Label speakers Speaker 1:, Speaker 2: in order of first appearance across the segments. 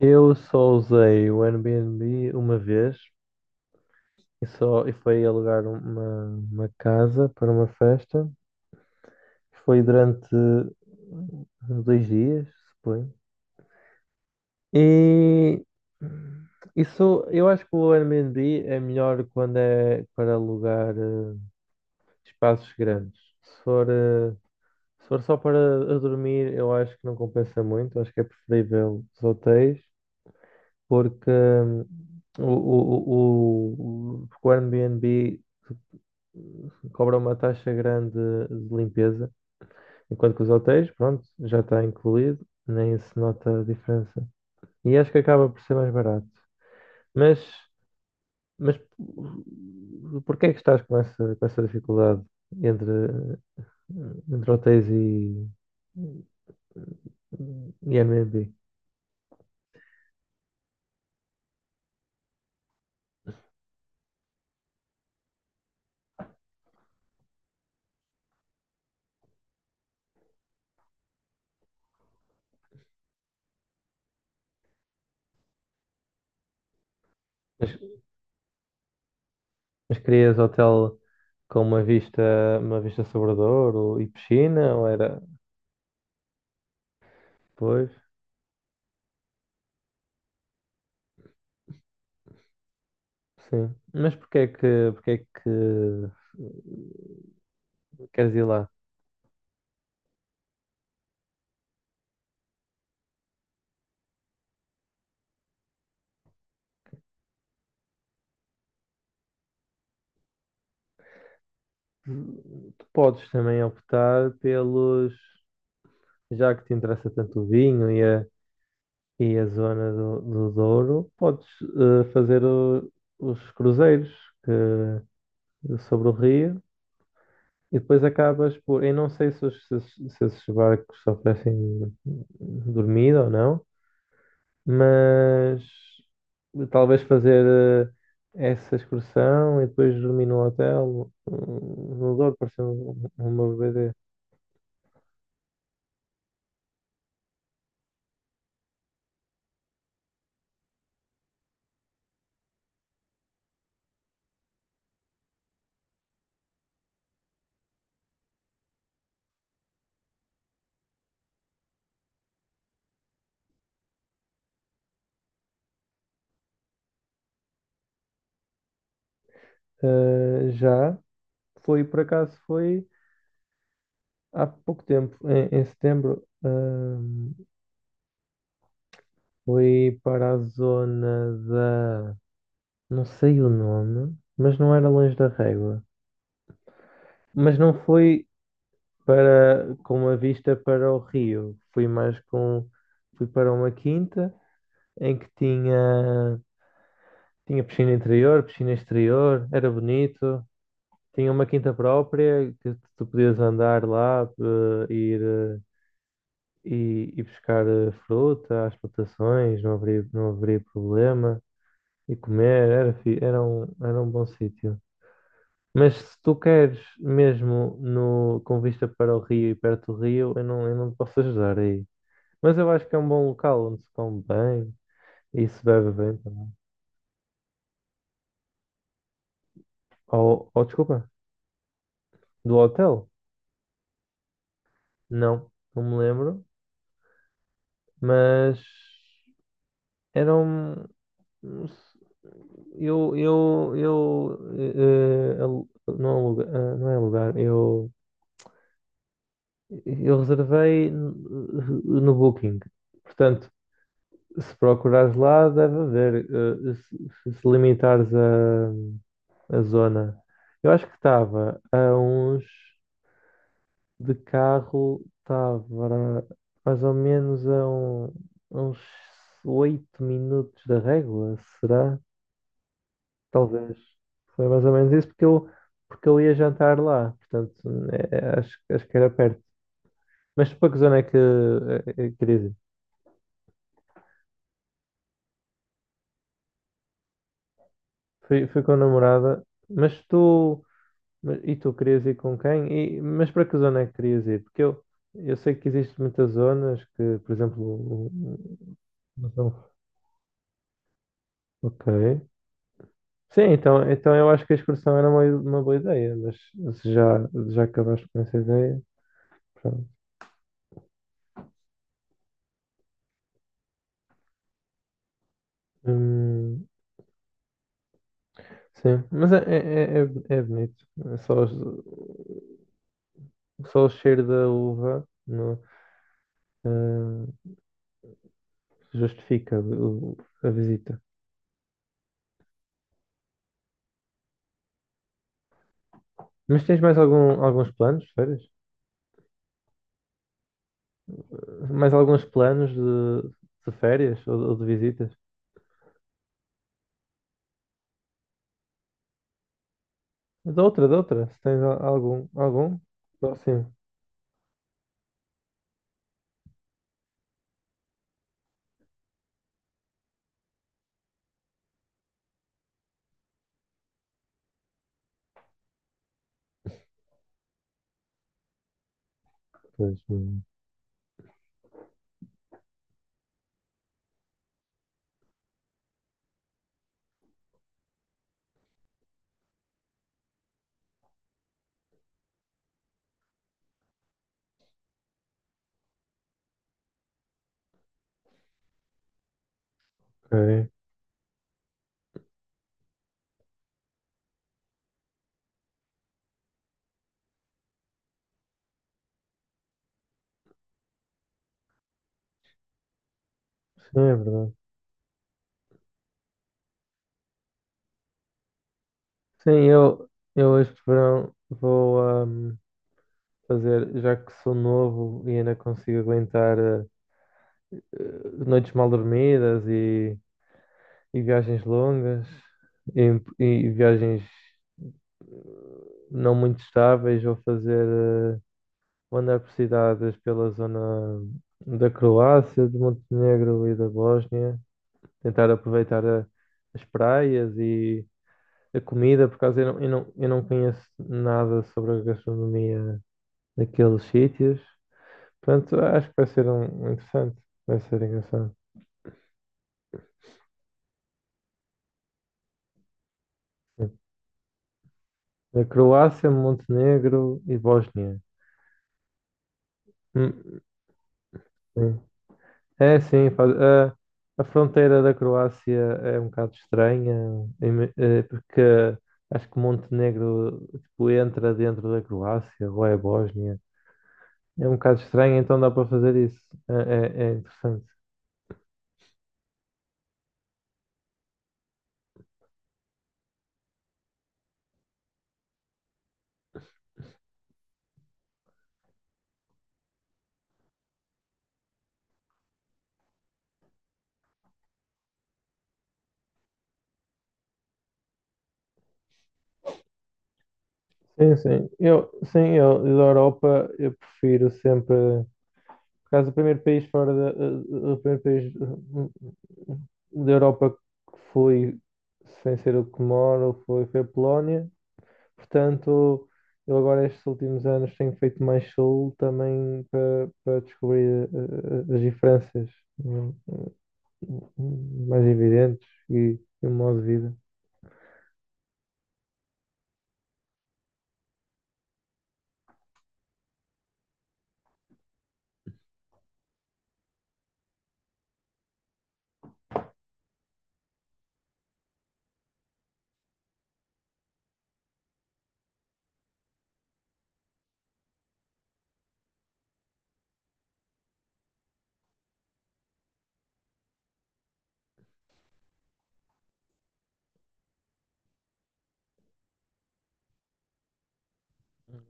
Speaker 1: Eu só usei o Airbnb uma vez e só e foi alugar uma casa para uma festa. Foi durante uns dois dias, suponho. E isso, eu acho que o Airbnb é melhor quando é para alugar espaços grandes. Se for, se for só para a dormir, eu acho que não compensa muito. Acho que é preferível os hotéis, porque porque o Airbnb cobra uma taxa grande de limpeza, enquanto que os hotéis, pronto, já está incluído, nem se nota a diferença. E acho que acaba por ser mais barato. Mas, mas porquê é que estás com com essa dificuldade entre, entre hotéis e Airbnb? Mas, mas querias hotel com uma uma vista sobre o Douro e piscina, ou era? Pois, sim. Mas porque é que queres ir lá? Tu podes também optar já que te interessa tanto o vinho e a zona do Douro, podes fazer os cruzeiros que- sobre o rio e depois acabas por... Eu não sei se esses barcos oferecem dormida ou não, mas talvez fazer essa excursão e depois dormir no hotel, no no Douro, pareceu uma BD. Já foi, por acaso, foi há pouco tempo, em setembro. Fui para a zona da... não sei o nome, mas não era longe da Régua. Mas não foi para com uma vista para o rio, fui mais fui para uma quinta em que tinha... Tinha piscina interior, piscina exterior, era bonito. Tinha uma quinta própria que tu podias andar lá, eh, ir, eh, e buscar fruta às plantações, não haveria problema. E comer, era era um bom sítio. Mas se tu queres mesmo no, com vista para o rio e perto do rio, eu não te posso ajudar aí. Mas eu acho que é um bom local onde se come bem e se bebe bem também. Ou desculpa, do hotel? Não me lembro, mas era um... alu-, não, aluga, não é alugar, eu reservei no Booking. Portanto, se procurares lá, deve haver. Se limitares a zona, eu acho que estava a uns... de carro, estava mais ou menos a uns 8 minutos da Régua, será? Talvez. Foi mais ou menos isso porque eu ia jantar lá. Portanto, acho que era perto. Mas para que zona é querias ir? Fui com a namorada. Mas tu... E tu querias ir com quem? Mas para que zona é que querias ir? Eu sei que existem muitas zonas que, por exemplo, o- não são- ok. Sim, então, então eu acho que a excursão era uma boa ideia. Mas se já, já acabaste com essa ideia, pronto. Hum, Sim, mas é é bonito. É Só, só o cheiro da uva eh, justifica a visita. Mas tens mais algum, alguns planos de férias? Mais alguns planos de férias ou de visitas? Da outra, da outra. Se tens algum, algum? Próximo. Pois, ok. Sim, é verdade. Sim, eu, eu este verão vou fazer, já que sou novo e ainda consigo aguentar, noites mal dormidas e viagens longas e, e viagens não muito estáveis. Vou fazer eh, andar por cidades pela zona da Croácia, de Montenegro e da Bósnia, tentar aproveitar as praias e a comida, por causa... eu não conheço nada sobre a gastronomia daqueles sítios. Portanto, acho que vai ser um interessante, vai ser engraçado. Sim. A Croácia, Montenegro e Bósnia. Hum, hum. É, sim, a fronteira da Croácia é um bocado estranha, porque acho que Montenegro, tipo, entra dentro da Croácia, ou é Bósnia. É um bocado estranho, então dá para fazer isso. É interessante. Sim, sim. Da Europa, eu prefiro sempre. Por causa do primeiro país fora da... o primeiro país da Europa que fui, sem ser o que moro, foi a Polónia. Portanto, eu agora estes últimos anos tenho feito mais soul também para descobrir as diferenças hum, mais evidentes e o modo de vida.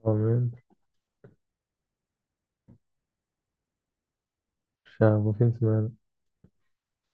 Speaker 1: Normalmente, já, bom fim de semana.